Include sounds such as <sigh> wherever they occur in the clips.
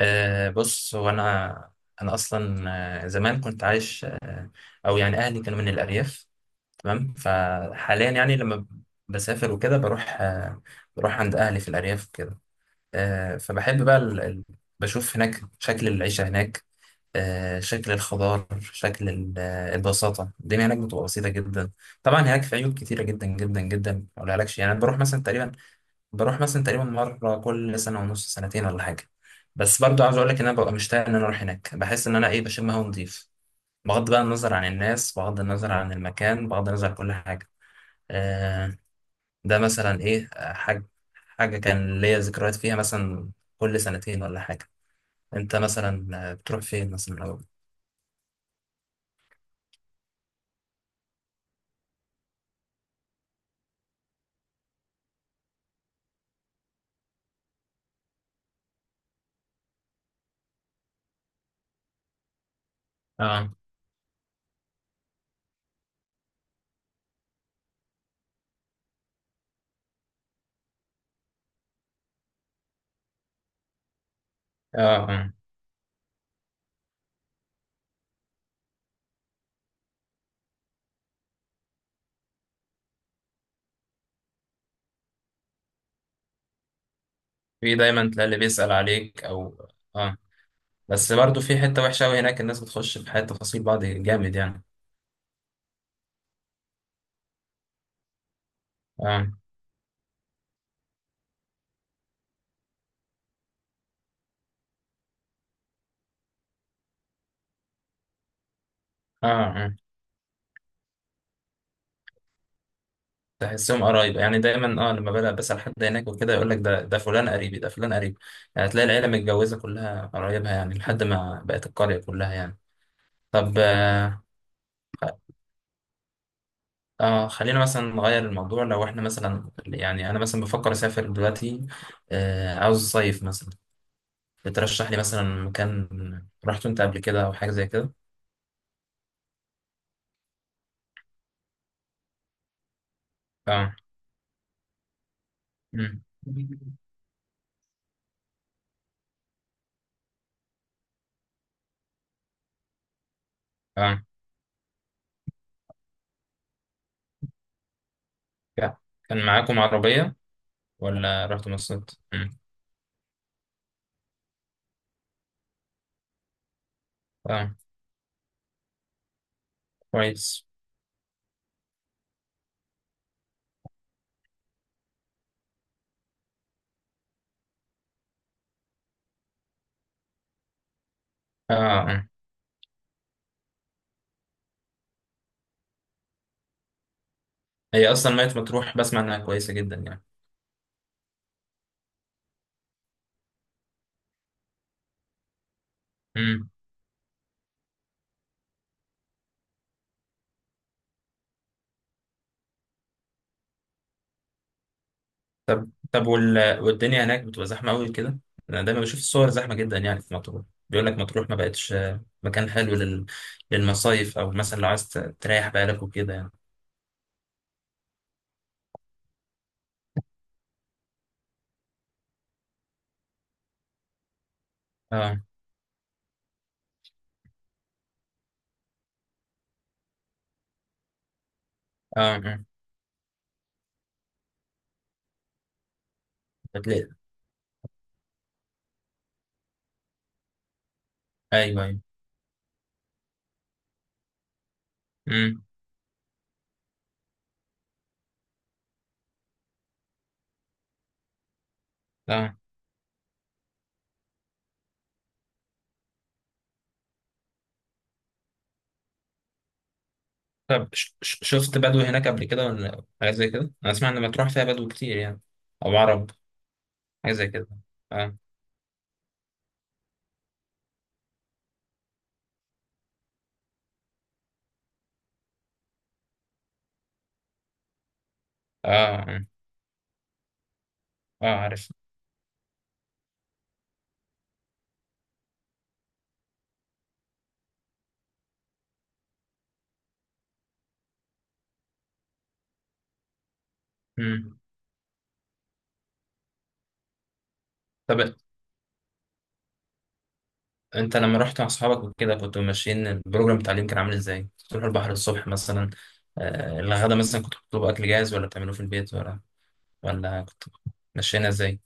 بص، هو انا اصلا، زمان كنت عايش او يعني اهلي كانوا من الارياف. تمام، فحاليا يعني لما بسافر وكده بروح عند اهلي في الارياف كده. فبحب بقى بشوف هناك شكل العيشه هناك. شكل الخضار، شكل ال- آه، البساطه، الدنيا هناك بتبقى بسيطه جدا. طبعا هناك في عيوب كتيره جدا جدا جدا ما اقولهالكش يعني. أنا بروح مثلا تقريبا، مرة كل سنة ونص، سنتين ولا حاجة. بس برضو عاوز اقول لك ان انا ببقى مشتاق ان انا اروح هناك، بحس ان انا ايه بشم هوا نضيف، بغض بقى النظر عن الناس، بغض النظر عن المكان، بغض النظر عن كل حاجة. آه ده مثلا ايه، حاجة كان ليا ذكريات فيها مثلا كل سنتين ولا حاجة. انت مثلا بتروح فين مثلا أو... اه، اه، آه. في دايما تلاقي اللي بيسأل عليك او... اه، بس برضو في حتة وحشة أوي هناك، الناس بتخش في حياة تفاصيل بعض جامد يعني. اه، اه، آه. تحسهم قرايب يعني، دايما لما بلاقي بسأل حد هناك وكده يقول لك ده فلان قريبي، ده فلان قريبي. يعني هتلاقي العيلة متجوزة كلها قرايبها يعني، لحد ما بقت القرية كلها يعني. طب، خ- خلينا مثلا نغير الموضوع. لو احنا مثلا، يعني انا مثلا بفكر اسافر دلوقتي، عاوز اصيف مثلا. بترشح لي مثلا مكان رحت انت قبل كده او حاجة زي كده؟ اه. مم. اه، كا- كان معاكم عربية ولا رحتوا مصيف؟ مم. اه، كويس. اه، آه. هي اصلا ميت مطروح، بسمع انها كويسه جدا يعني. امم. طب، والدنيا هناك بتبقى زحمه قوي كده؟ انا دايما بشوف الصور زحمه جدا يعني في مطروح. بيقول لك مطروح ما بقتش مكان حلو للمصايف، او مثلا لو عايز تريح بالك وكده يعني. اه، اه، آه. بتلاقي. ايوه، ايوه. امم. اه. طب، شفت بدو هناك قبل كده ولا حاجه زي كده؟ انا اسمع ان مطروح فيها بدو كتير يعني، او عرب، حاجه زي كده. اه. اه. اه، عارف. امم. طب انت لما رحت مع اصحابك وكده، كنتوا ماشيين البروجرام التعليم كان عامل ازاي؟ تروحوا البحر الصبح مثلا، الغدا مثلا كنتوا بتطلبوا اكل جاهز ولا بتعملوه في البيت، ولا كنتوا ماشيين ازاي؟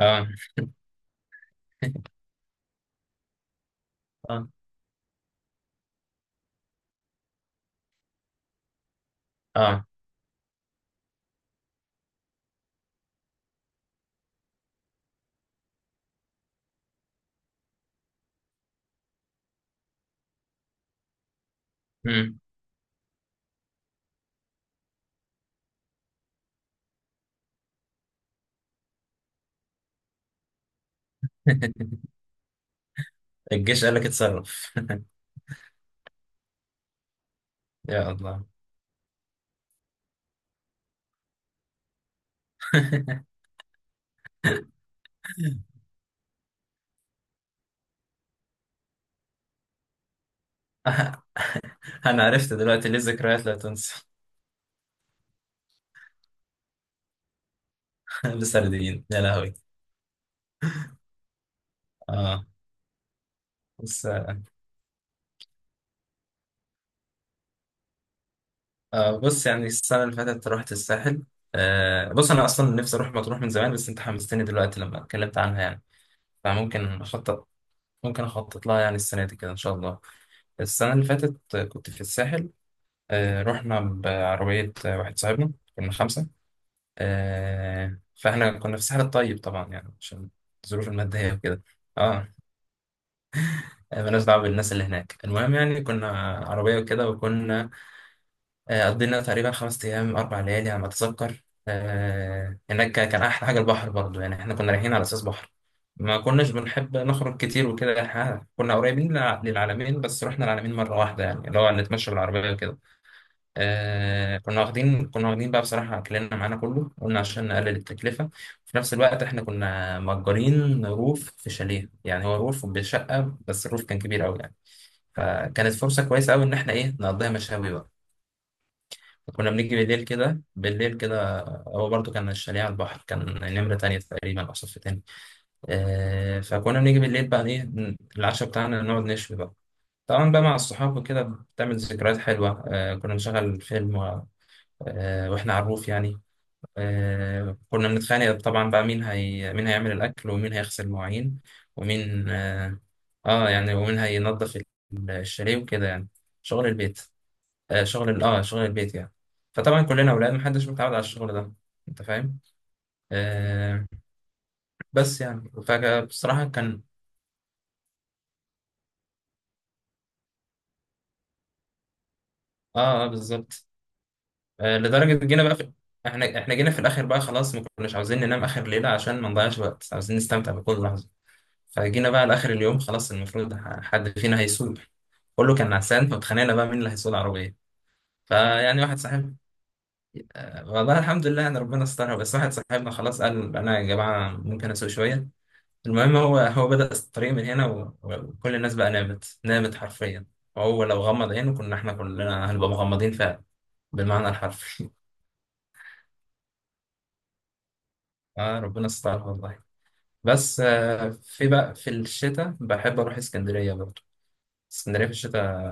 اه. اه. اه. مم. <laughs> الجيش قال لك اتصرف. <laughs> يا الله. <laughs> انا عرفت دلوقتي ليه ذكريات لا تنسى. <laughs> بسردين يا لهوي. اه بص بص، يعني السنه اللي فاتت رحت الساحل. بص، انا اصلا نفسي اروح مطروح من زمان، بس انت حمستني دلوقتي لما اتكلمت عنها يعني. فممكن اخطط ممكن أخطط لها، يعني السنة دي كده إن شاء الله. السنة اللي فاتت كنت في الساحل. رحنا بعربية، واحد صاحبنا، كنا 5. فإحنا كنا في الساحل الطيب طبعا، يعني عشان الظروف المادية وكده. اه. مالناش دعوة بالناس اللي هناك، المهم يعني كنا عربية وكده، وكنا، قضينا تقريبا 5 أيام، 4 ليالي على ما أتذكر. هناك كان أحلى حاجة البحر، برضو يعني إحنا كنا رايحين على أساس بحر. ما كناش بنحب نخرج كتير وكده، إحنا كنا قريبين للعلمين. بس رحنا العلمين مرة واحدة، يعني اللي هو نتمشى بالعربية وكده. كنا واخدين بقى بصراحة أكلنا معانا كله، قلنا عشان نقلل التكلفة. في نفس الوقت إحنا كنا مأجرين روف في شاليه، يعني هو روف بشقة بس الروف كان كبير أوي يعني. فكانت فرصة كويسة أوي إن إحنا إيه نقضيها مشاوي بقى. كنا بنيجي بالليل كده، بالليل كده. هو برضو كان الشاليه على البحر، كان نمرة تانية تقريبا أو صف تاني. فكنا بنيجي بالليل بقى إيه العشاء بتاعنا، نقعد نشوي بقى. طبعا بقى مع الصحاب وكده بتعمل ذكريات حلوة. كنا بنشغل فيلم وإحنا على الروف يعني. كنا بنتخانق طبعا بقى، مين هيعمل الأكل، ومين هيغسل المواعين، ومين آه, آه يعني ومين هينظف الشاليه وكده يعني. شغل البيت، شغل ال- اه شغل البيت يعني. فطبعا كلنا اولاد محدش متعود على الشغل ده، انت فاهم. آه بس يعني فجأة بصراحة كان. اه، بالظبط. لدرجة جينا بقى في... احنا جينا في الاخر بقى خلاص، ما كناش عاوزين ننام اخر ليلة عشان ما نضيعش وقت، عاوزين نستمتع بكل لحظة. فجينا بقى لاخر اليوم خلاص، المفروض حد فينا هيسوق. كله كان نعسان، فاتخانقنا بقى مين اللي هيسوق العربية. فيعني واحد صاحب والله الحمد لله يعني ربنا استرها، بس واحد صاحبنا خلاص قال انا يا جماعة ممكن اسوق شوية. المهم هو بدأ الطريق من هنا وكل الناس بقى نامت، نامت حرفيا. وهو لو غمض عينه كنا احنا كلنا هنبقى مغمضين فعلا، بالمعنى الحرفي. <laughs> اه، ربنا استر والله. بس، في الشتاء بحب اروح اسكندرية برضه. اسكندرية في الشتاء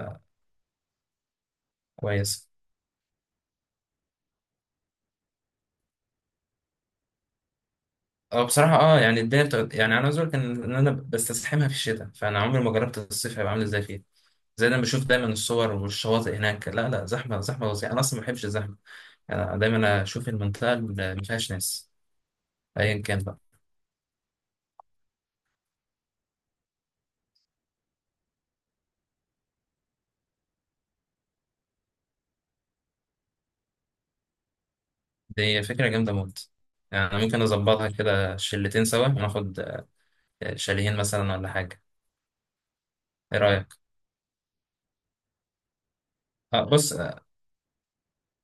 كويس. اه، بصراحة، يعني الدنيا بتبقى، يعني انا عاوز اقول لك إن انا بستزحمها في الشتاء، فانا عمري ما جربت الصيف هيبقى عامل ازاي فيه. زي ده، انا بشوف دايما الصور والشواطئ هناك لا لا، زحمه زحمه فظيعه، انا اصلا ما بحبش الزحمه. يعني دايما اشوف المنطقه اللي ما فيهاش ناس، ايا كان بقى. دي فكرة جامدة موت. يعني أنا ممكن نظبطها كده شلتين سوا، وناخد شاليهين مثلا ولا حاجة. ايه رأيك؟ بص،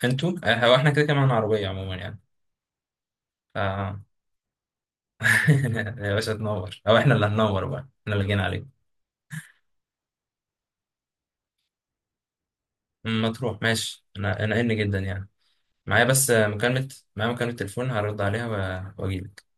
انتوا، هو احنا كده كمان عربية عموما يعني. آه. <laughs> يا باشا تنور، او احنا اللي هننور بقى، احنا اللي جينا عليك. ما تروح ماشي، انا ان جدا يعني، معايا بس آه، مكالمة معايا مكالمة تليفون هرد عليها، واجيلك.